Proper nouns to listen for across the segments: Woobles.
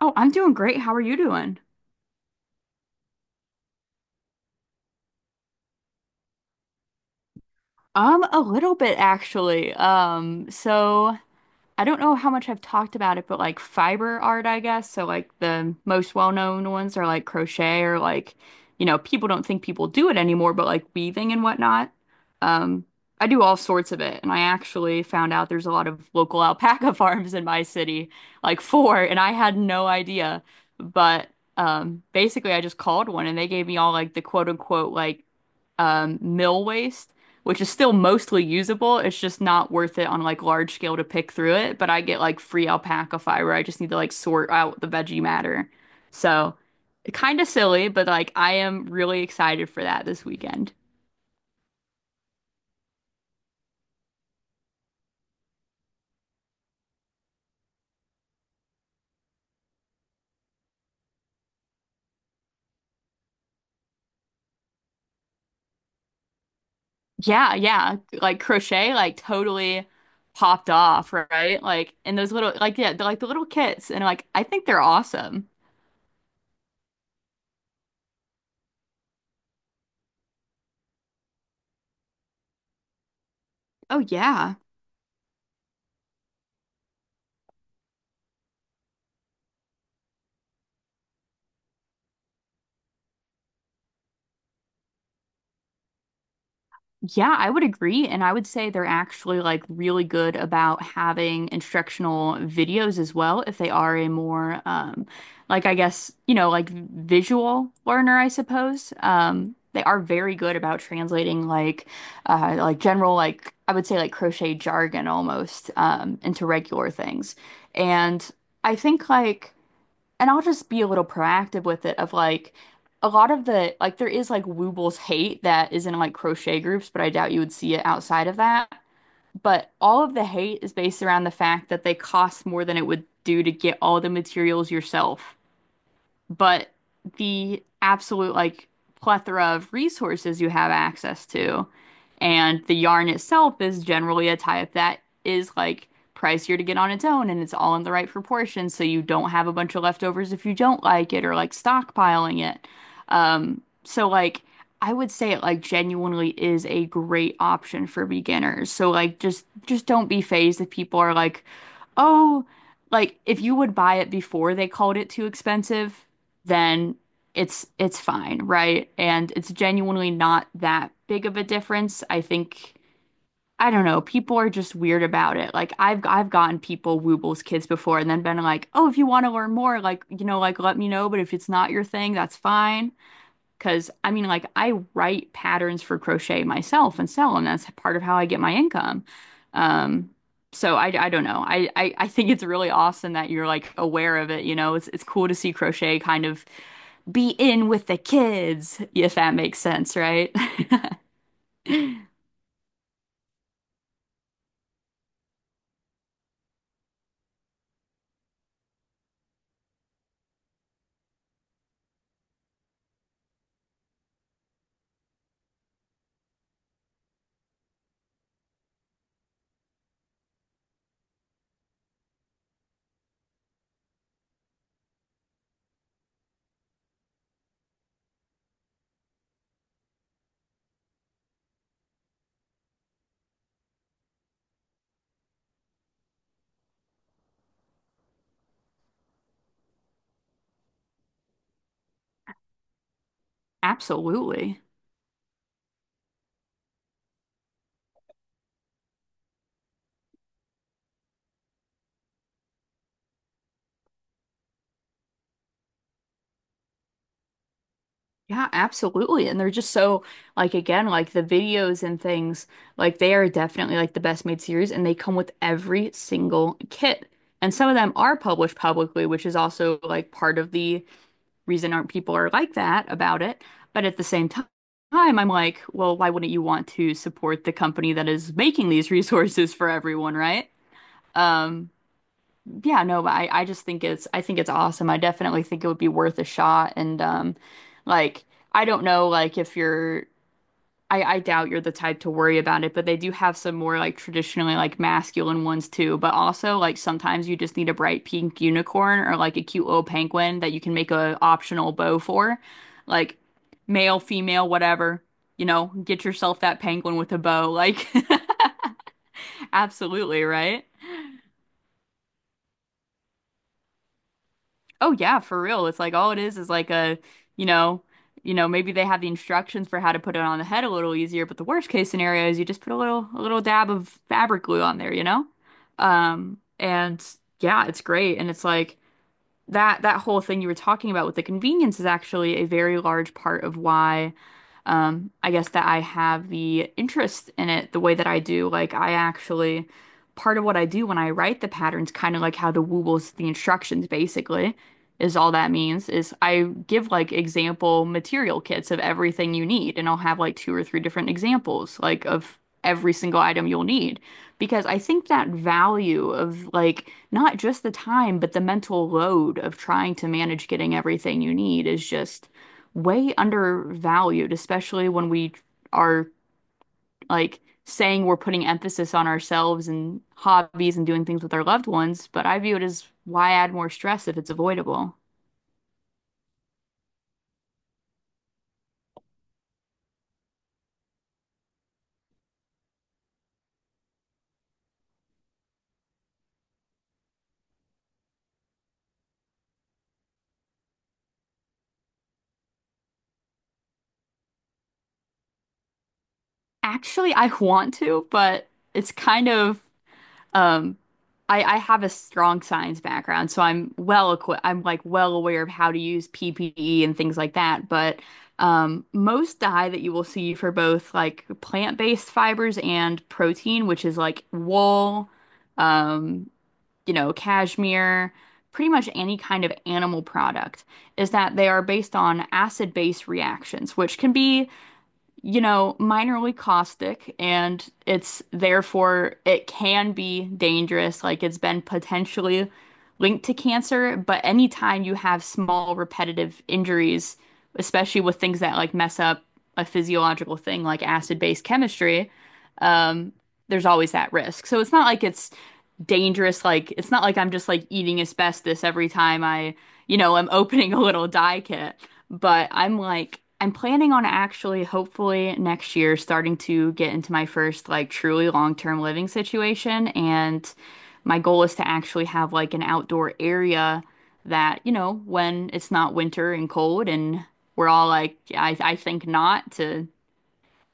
Oh, I'm doing great. How are you doing? A little bit actually. So I don't know how much I've talked about it, but like fiber art, I guess. So like the most well-known ones are like crochet or like, you know, people don't think people do it anymore, but like weaving and whatnot. Um, I do all sorts of it, and I actually found out there's a lot of local alpaca farms in my city, like four, and I had no idea. But basically, I just called one, and they gave me all like the quote-unquote like mill waste which is still mostly usable. It's just not worth it on like large scale to pick through it. But I get like free alpaca fiber. I just need to like sort out the veggie matter. So kind of silly, but like I am really excited for that this weekend. Yeah, yeah. Like crochet, like totally popped off, right? Like and those little like yeah, like the little kits and like I think they're awesome. Oh yeah. Yeah, I would agree. And I would say they're actually like really good about having instructional videos as well, if they are a more like I guess, you know, like visual learner, I suppose. They are very good about translating like general like I would say like crochet jargon almost into regular things. And I think like and I'll just be a little proactive with it of like a lot of the like there is like Woobles hate that is in like crochet groups, but I doubt you would see it outside of that. But all of the hate is based around the fact that they cost more than it would do to get all the materials yourself but the absolute like plethora of resources you have access to. And the yarn itself is generally a type that is like pricier to get on its own and it's all in the right proportions so you don't have a bunch of leftovers if you don't like it or like stockpiling it. So like I would say it like genuinely is a great option for beginners. So like just don't be phased if people are like, "Oh, like if you would buy it before they called it too expensive, then it's fine, right? And it's genuinely not that big of a difference. I think I don't know, people are just weird about it. Like I've gotten people Woobles kids before and then been like, "Oh, if you want to learn more, like, you know, like let me know, but if it's not your thing, that's fine." Because I mean, like, I write patterns for crochet myself and sell them. That's part of how I get my income. Um, so I don't know. I think it's really awesome that you're like aware of it. You know, it's cool to see crochet kind of be in with the kids, if that makes sense, right? Absolutely. Yeah, absolutely. And they're just so like again, like the videos and things, like they are definitely like the best made series and they come with every single kit. And some of them are published publicly, which is also like part of the reason aren't people are like that about it. But at the same time, I'm like, well, why wouldn't you want to support the company that is making these resources for everyone, right? Um, yeah, no, but I just think it's I think it's awesome. I definitely think it would be worth a shot. And like I don't know like if you're I doubt you're the type to worry about it, but they do have some more like traditionally like masculine ones too. But also like sometimes you just need a bright pink unicorn or like a cute little penguin that you can make a optional bow for. Like male, female, whatever, you know, get yourself that penguin with a bow. Like absolutely, right? Oh yeah, for real. It's like all it is like a, you know, maybe they have the instructions for how to put it on the head a little easier, but the worst case scenario is you just put a little dab of fabric glue on there, you know? And yeah, it's great. And it's like that whole thing you were talking about with the convenience is actually a very large part of why I guess that I have the interest in it the way that I do. Like I actually part of what I do when I write the patterns, kind of like how the woobles, the instructions basically is all that means is I give like example material kits of everything you need and I'll have like two or three different examples like of every single item you'll need. Because I think that value of like not just the time, but the mental load of trying to manage getting everything you need is just way undervalued, especially when we are like saying we're putting emphasis on ourselves and hobbies and doing things with our loved ones. But I view it as why add more stress if it's avoidable? Actually, I want to, but it's kind of Um, I have a strong science background, so I'm well equipped. I'm like well aware of how to use PPE and things like that. But most dye that you will see for both like plant-based fibers and protein, which is like wool, um, you know, cashmere, pretty much any kind of animal product, is that they are based on acid-base reactions, which can be you know, minorly caustic and it's therefore it can be dangerous. Like it's been potentially linked to cancer, but anytime you have small repetitive injuries, especially with things that like mess up a physiological thing like acid-base chemistry, um, there's always that risk. So it's not like it's dangerous. Like it's not like I'm just like eating asbestos every time I, you know, I'm opening a little dye kit. But I'm like, I'm planning on actually, hopefully next year, starting to get into my first like truly long-term living situation. And my goal is to actually have like an outdoor area that, you know, when it's not winter and cold and we're all like, I think not to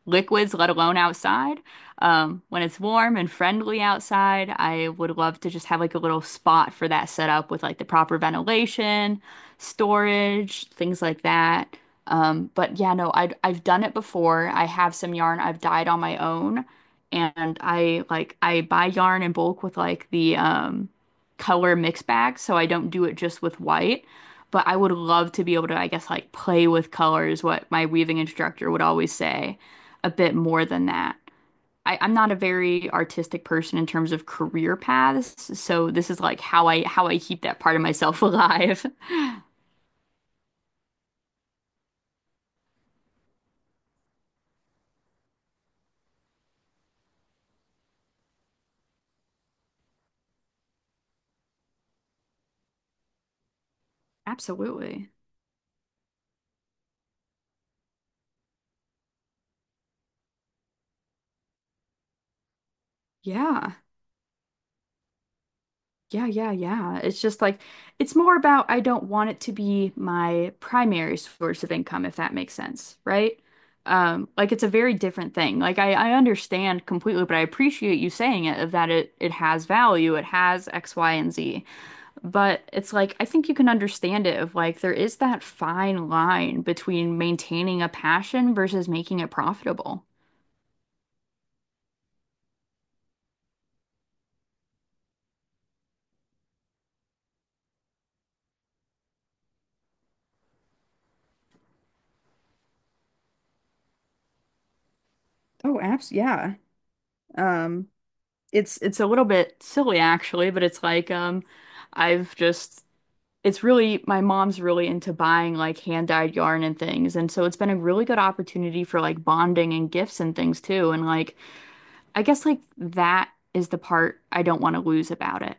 liquids, let alone outside. When it's warm and friendly outside, I would love to just have like a little spot for that set up with like the proper ventilation, storage, things like that. But yeah, no, I I've done it before. I have some yarn I've dyed on my own, and I like I buy yarn in bulk with like the color mix bag, so I don't do it just with white. But I would love to be able to, I guess, like play with colors, what my weaving instructor would always say a bit more than that. I'm not a very artistic person in terms of career paths, so this is like how I keep that part of myself alive. Absolutely. Yeah. Yeah, yeah, yeah. It's just like it's more about I don't want it to be my primary source of income, if that makes sense, right? Like it's a very different thing. Like I understand completely, but I appreciate you saying it of that it has value, it has X, Y, and Z. But it's like, I think you can understand it of like, there is that fine line between maintaining a passion versus making it profitable. Oh, abs yeah. Um, It's it's a little bit silly actually, but it's like I've just it's really my mom's really into buying like hand-dyed yarn and things, and so it's been a really good opportunity for like bonding and gifts and things too. And like I guess like that is the part I don't want to lose about it.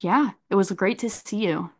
Yeah, it was great to see you.